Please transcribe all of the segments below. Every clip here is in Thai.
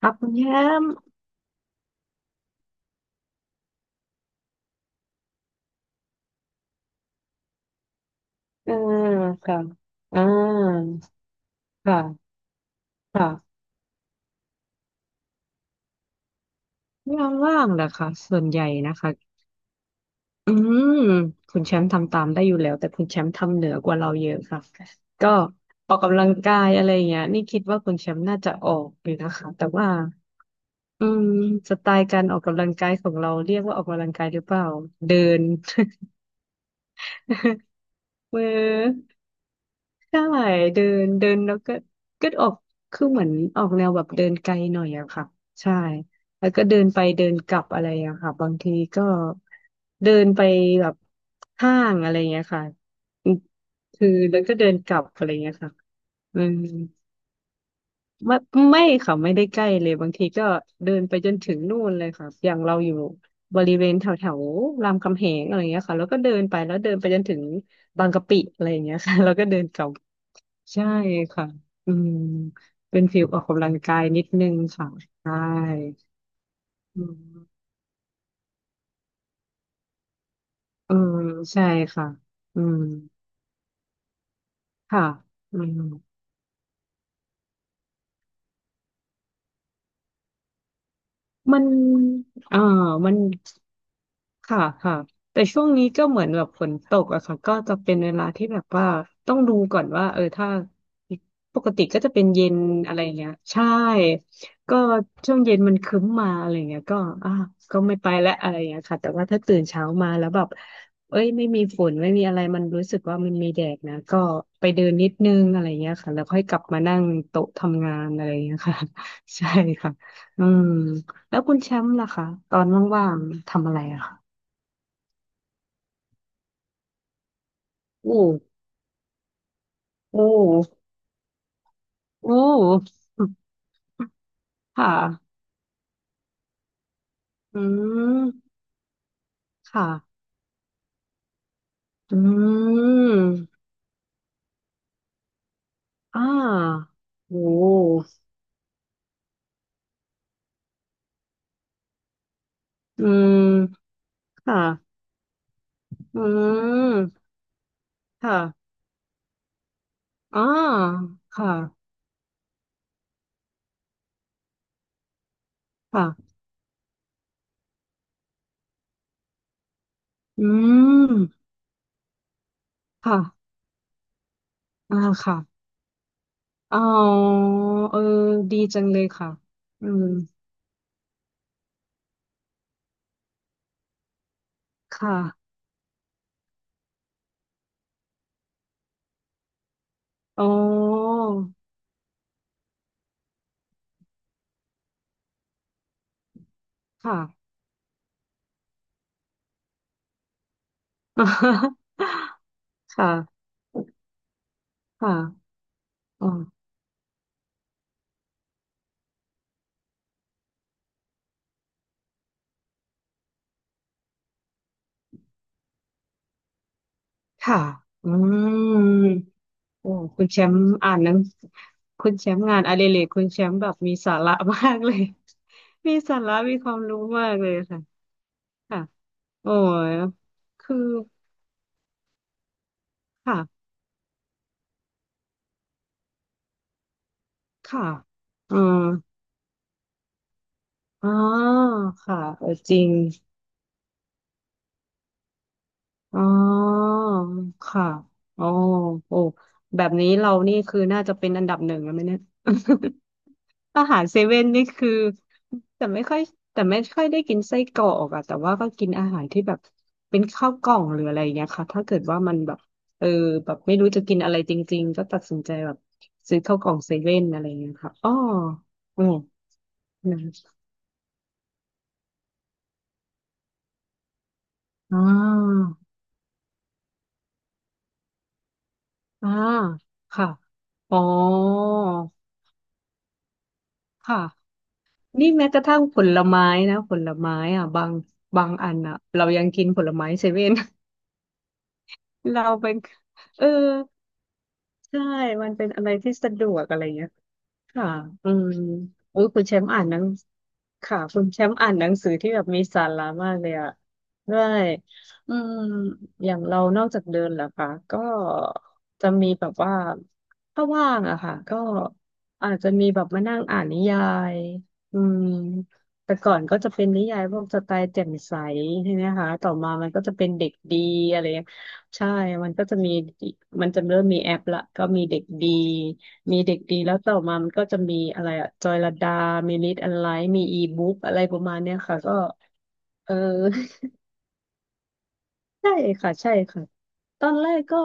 ครับคุณแชมป์เออค่ะอ่าค่ะค่ะงานว่างเหรอคะส่วนใหญ่นะคะอืมคุณแชมป์ทำตามได้อยู่แล้วแต่คุณแชมป์ทำเหนือกว่าเราเยอะค่ะก็ออกกำลังกายอะไรอย่างเงี้ยนี่คิดว่าคุณแชมป์น่าจะออกอยู่นะคะแต่ว่าอืมสไตล์การออกกำลังกายของเราเรียกว่าออกกำลังกายหรือเปล่าเดิน มือ ใช่เดินเดินแล้วก็ก็ออกคือเหมือนออกแนวแบบเดินไกลหน่อยอะค่ะใช่แล้วก็เดินไปเดินกลับอะไรอะค่ะบางทีก็เดินไปแบบห้างอะไรเงี้ยค่ะอืมคือแล้วก็เดินกลับอะไรเงี้ยค่ะอืมไม่ไม่ค่ะไม่ได้ใกล้เลยบางทีก็เดินไปจนถึงนู่นเลยค่ะอย่างเราอยู่บริเวณแถวแถวรามคำแหงอะไรเงี้ยค่ะแล้วก็เดินไปแล้วเดินไปจนถึงบางกะปิอะไรเงี้ยค่ะ แล้วก็เดินกลับ ใช่ค่ะอืมเป็นฟิลออกกำลังกายนิดนึงค่ะใช่อืมเออใช่ค่ะอืมค่ะอืมมันเออมัน ค่ะค่ะแต่ช่วงนี้ก็เหมือนแบบฝนตกอะค่ะก็จะเป็นเวลาที่แบบว่าต้องดูก่อนว่าถ้าปกติก็จะเป็นเย็นอะไรเงี้ยใช่ก็ช่วงเย็นมันครึ้มมาอะไรเงี้ยก็อ่ะก็ไม่ไปและอะไรเงี้ยค่ะแต่ว่าถ้าตื่นเช้ามาแล้วแบบเอ้ยไม่มีฝนไม่มีอะไรมันรู้สึกว่ามันมีแดดนะก็ไปเดินนิดนึงอะไรเงี้ยค่ะแล้วค่อยกลับมานั่งโต๊ะทำงานอะไรเงี้ยค่ะ ใช่ค่ะอืมแล้วคุณแชมป์ล่ะคะตอนว่างๆทำอะไรอะคะ อืมอืมอืมค่ะอืมค่ะอืมอ่าโอ้อืมค่ะอืมค่ะอ่าค่ะค่ะอืมค่ะอ่าค่ะอ๋อเออดีจังเลยค่ะอืมค่ะอ๋อค่ะ ค่ะค่ะอ๋อค่ะอืม โอ้คุณแชมป์อ่านหนังคุณแชมป์งานอดิเรกคุณแชมป์แบบมีสาระมากเลย มีสาระมีความรู้มากเลยค่ะค่ะโอ้ยคือค่ะค่ะอืมอ๋อค่ะเออจริงอ๋อค่ะอ๋อโอ้แบบนี้เรานี่คือน่าจะเป็นอันดับหนึ่งแล้วไหมเนี่ย อาหารเซเว่นนี่คือแต่ไม่ค่อยได้กินไส้กรอกอะแต่ว่าก็กินอาหารที่แบบเป็นข้าวกล่องหรืออะไรอย่างเงี้ยค่ะถ้าเกิดว่ามันแบบเออแบบไม่รู้จะกินอะไรจริงๆก็ตัดสินใจแบบซื้อข้าวกล่องเซเว่นอะไรอย่างเงี้ยค่ะอ๋ออืมนะอ่าอ่าค่ะอ๋อค่ะนี่แม้กระทั่งผลไม้นะผลไม้อ่ะบางอันอ่ะเรายังกินผลไม้เซเว่น เราเป็นเออ ใช่ มันเป็นอะไรที่สะดวกอะไรเงี้ย ค่ะ อืมโอ้ยคุณแชมป์อ่านหนังค่ะคุณแชมป์อ่านหนังสือที่แบบมีสาระมากเลยอะด้วยอืมอย่างเรานอกจากเดินแล้วค่ะก็จะมีแบบว่าถ้าว่างอะค่ะก็อาจจะมีแบบมานั่งอ่านนิยายอืมแต่ก่อนก็จะเป็นนิยายพวกสไตล์แจ่มใสใช่ไหมคะต่อมามันก็จะเป็นเด็กดีอะไรใช่มันก็จะมีมันจะเริ่มมีแอปละก็มีเด็กดี มีเด็กดีแล้วต่อมามันก็จะมีอะไรอะจอยลดามีลิตอันไลท์มีอีบุ๊กอะไรประมาณเนี้ยค่ะก็ เออ ใช่ค่ะ ใช่ค่ะ ตอนแรกก็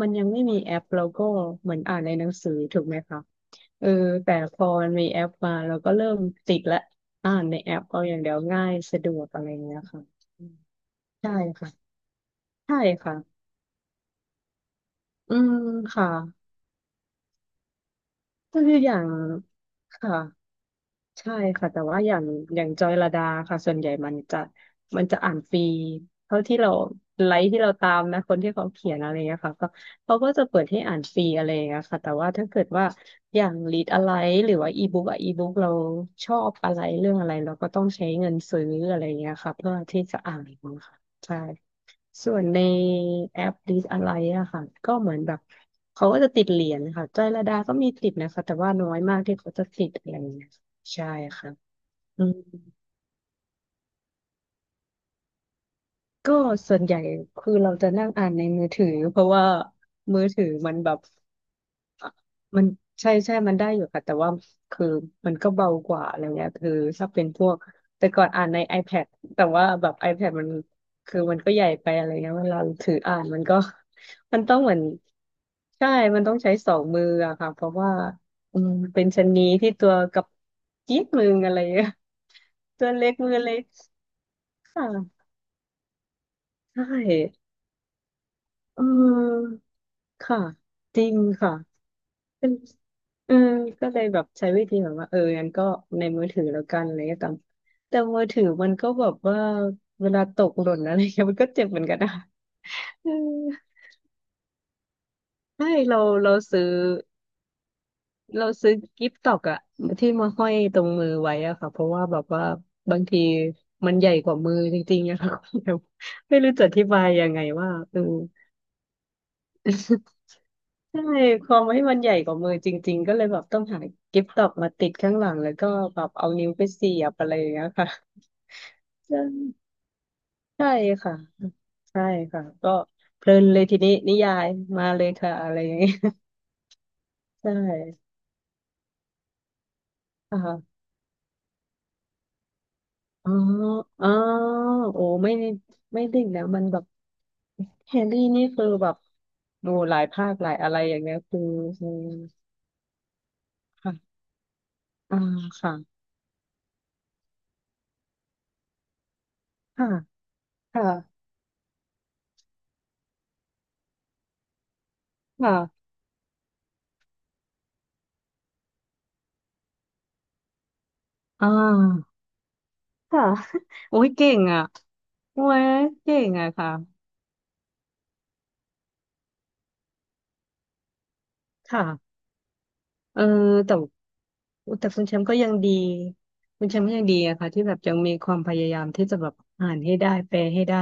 มันยังไม่มีแอปเราก็เหมือนอ่านในหนังสือถูกไหมคะ เออ แต่พอมันมีแอปมาเราก็เริ่มติดละอ่านในแอปเอาอย่างเดียวง่ายสะดวกอะไรอย่างเงี้ยค่ะอืมใช่ค่ะ ใช่ค่ะ อืมค่ะก็คืออย่างค่ะ ใช่ค่ะแต่ว่าอย่างจอยลดาค่ะส่วนใหญ่มันจะอ่านฟรีเท่าที่เราไลค์ที่เราตามนะคนที่เขาเขียนอะไรเงี้ยค่ะก็เขาก็จะเปิดให้อ่านฟรีอะไรเงี้ยค่ะแต่ว่าถ้าเกิดว่าอย่างรีดอะไรหรือว่าอีบุ๊กอะอีบุ๊กเราชอบอะไรเรื่องอะไรเราก็ต้องใช้เงินซื้ออะไรเงี้ยค่ะเพื่อที่จะอ่านค่ะใช่ ส่วนในแอป Dis อะไรอะค่ะก็เหมือนแบบเขาก็จะติดเหรียญค่ะจรอยลดาก็มีติดนะคะแต่ว่าน้อยมากที่เขาจะติดอะไรอย่างเงี้ยใช่ค่ะอืมก็ส่วนใหญ่คือเราจะนั่งอ่านในมือถือเพราะว่ามือถือมันแบบ มันใช่มันได้อยู่ค่ะแต่ว่าคือมันก็เบากว่าอะไรเงี้ยคือถ้าเป็นพวกแต่ก่อนอ่านใน iPad แต่ว่าแบบ iPad มันคือมันก็ใหญ่ไปอะไรเงี้ยเวลาถืออ่านมันก็ มันต้องเหมือนใช่มันต้องใช้สองมืออะค่ะเพราะว่าอืมเป็นชะนีที่ตัวกับจี๊ดมืออะไรเงี้ย ตัวเล็กมือเล็กค่ะใช่อืมค่ะจริงค่ะ เป็นเออก็เลยแบบใช้วิธีแบบว่าเอองั้นก็ในมือถือแล้วกันอะไรก็ตามแต่มือถือมันก็แบบว่าเวลาตกหล่นอะไรเงี้ยมันก็เจ็บเหมือนกันนะ เออใช่เราเราซื้อเราซื้อกิฟต์ตอกอะที่มาห้อยตรงมือไว้อะค่ะเพราะว่าแบบว่าบางทีมันใหญ่กว่ามือจริงๆอะ ค่ะ ไม่รู้จะอธิบายยังไงว่าเออ ใช่ ความให้มันใหญ่กว่ามือจริงๆก็เลยแบบต้องหากิฟต์ดอกมาติดข้างหลังแล้วก็แบบเอานิ้วไปเสียบอะไรอย่างเงี้ยค่ะใช่ใช่ค่ะใช่ค่ะก็เพลินเลยทีนี้นิยายมาเลยค่ะอะไรอย่างเงี้ย ใช่อ่าอ๋ออ๋อโอ้ไม่ได่ดิ่ง้นะมันแบบแฮร์รี่นี่คือแบบดูหลายภาคหลายอะไรอย่างเงี้ยคืออืมค่ะอ่าค่ะค่ะค่ะค่ะอ่า ค่ะ โอ้ยเก่งอ่ะโอ้ยเก่งอ่ะค่ะค่ะเออแต่แต่คุณแชมป์ก็ยังดีคุณแชมป์ก็ยังดีอะค่ะที่แบบยังมีความพยายามที่จะแบบอ่านให้ได้แปลให้ได้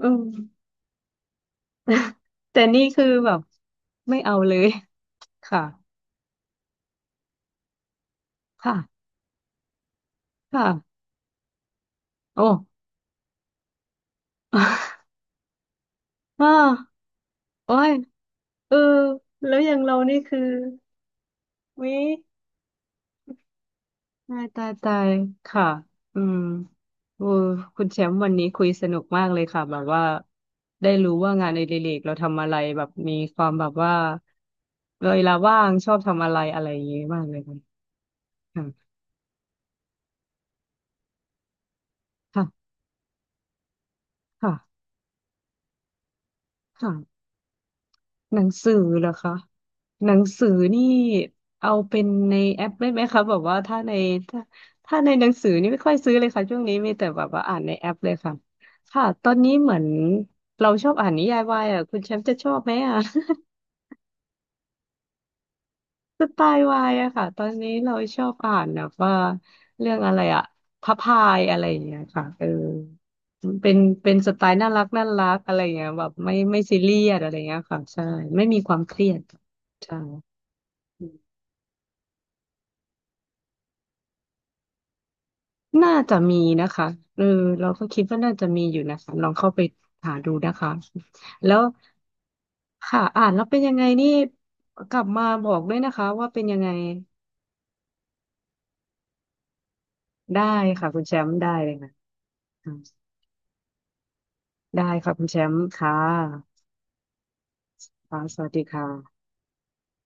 อืม แต่นี่คือแบบไม่เอาเลย ค่ะค่ะค่ะโอ้ อ้าโอ้ยเออแล้วอย่างเรานี่คือวิ ตายตายตายค่ะอืมโอ้คุณแชมป์วันนี้คุยสนุกมากเลยค่ะแบบว่าได้รู้ว่างานอดิเรกเราทำอะไรแบบมีความแบบว่าเวลาว่างชอบทำอะไรอะไรอย่างเงี้ยมากเลยค่ะค่ะค่ะค่ะ หนังสือเหรอคะหนังสือนี่เอาเป็นในแอปได้ไหมคะแบบว่าถ้าในถ้าถ้าในหนังสือนี่ไม่ค่อยซื้อเลยค่ะช่วงนี้มีแต่แบบว่าอ่านในแอปเลยค่ะค่ะตอนนี้เหมือนเราชอบอ่านนิยายวายอ่ะคุณแชมป์จะชอบไหมอ่ะ สไตล์วายอะค่ะตอนนี้เราชอบอ่านแบบว่าเรื่องอะไรอะพระพายอะไรอย่างเงี้ยค่ะเออเป็นเป็นสไตล์น่ารักน่ารักอะไรอย่างเงี้ยแบบไม่ซีเรียสอะไรอย่างเงี้ยค่ะใช่ไม่มีความเครียดใช่ น่าจะมีนะคะเออเราก็คิดว่าน่าจะมีอยู่นะคะลองเข้าไปหาดูนะคะแล้วค่ะอ่านแล้วเป็นยังไงนี่กลับมาบอกด้วยนะคะว่าเป็นยังไงได้ค่ะคุณแชมป์ได้เลยค่ะอืมได้ค่ะคุณแชมป์ค่ะค่ะสวัสดีค่ะ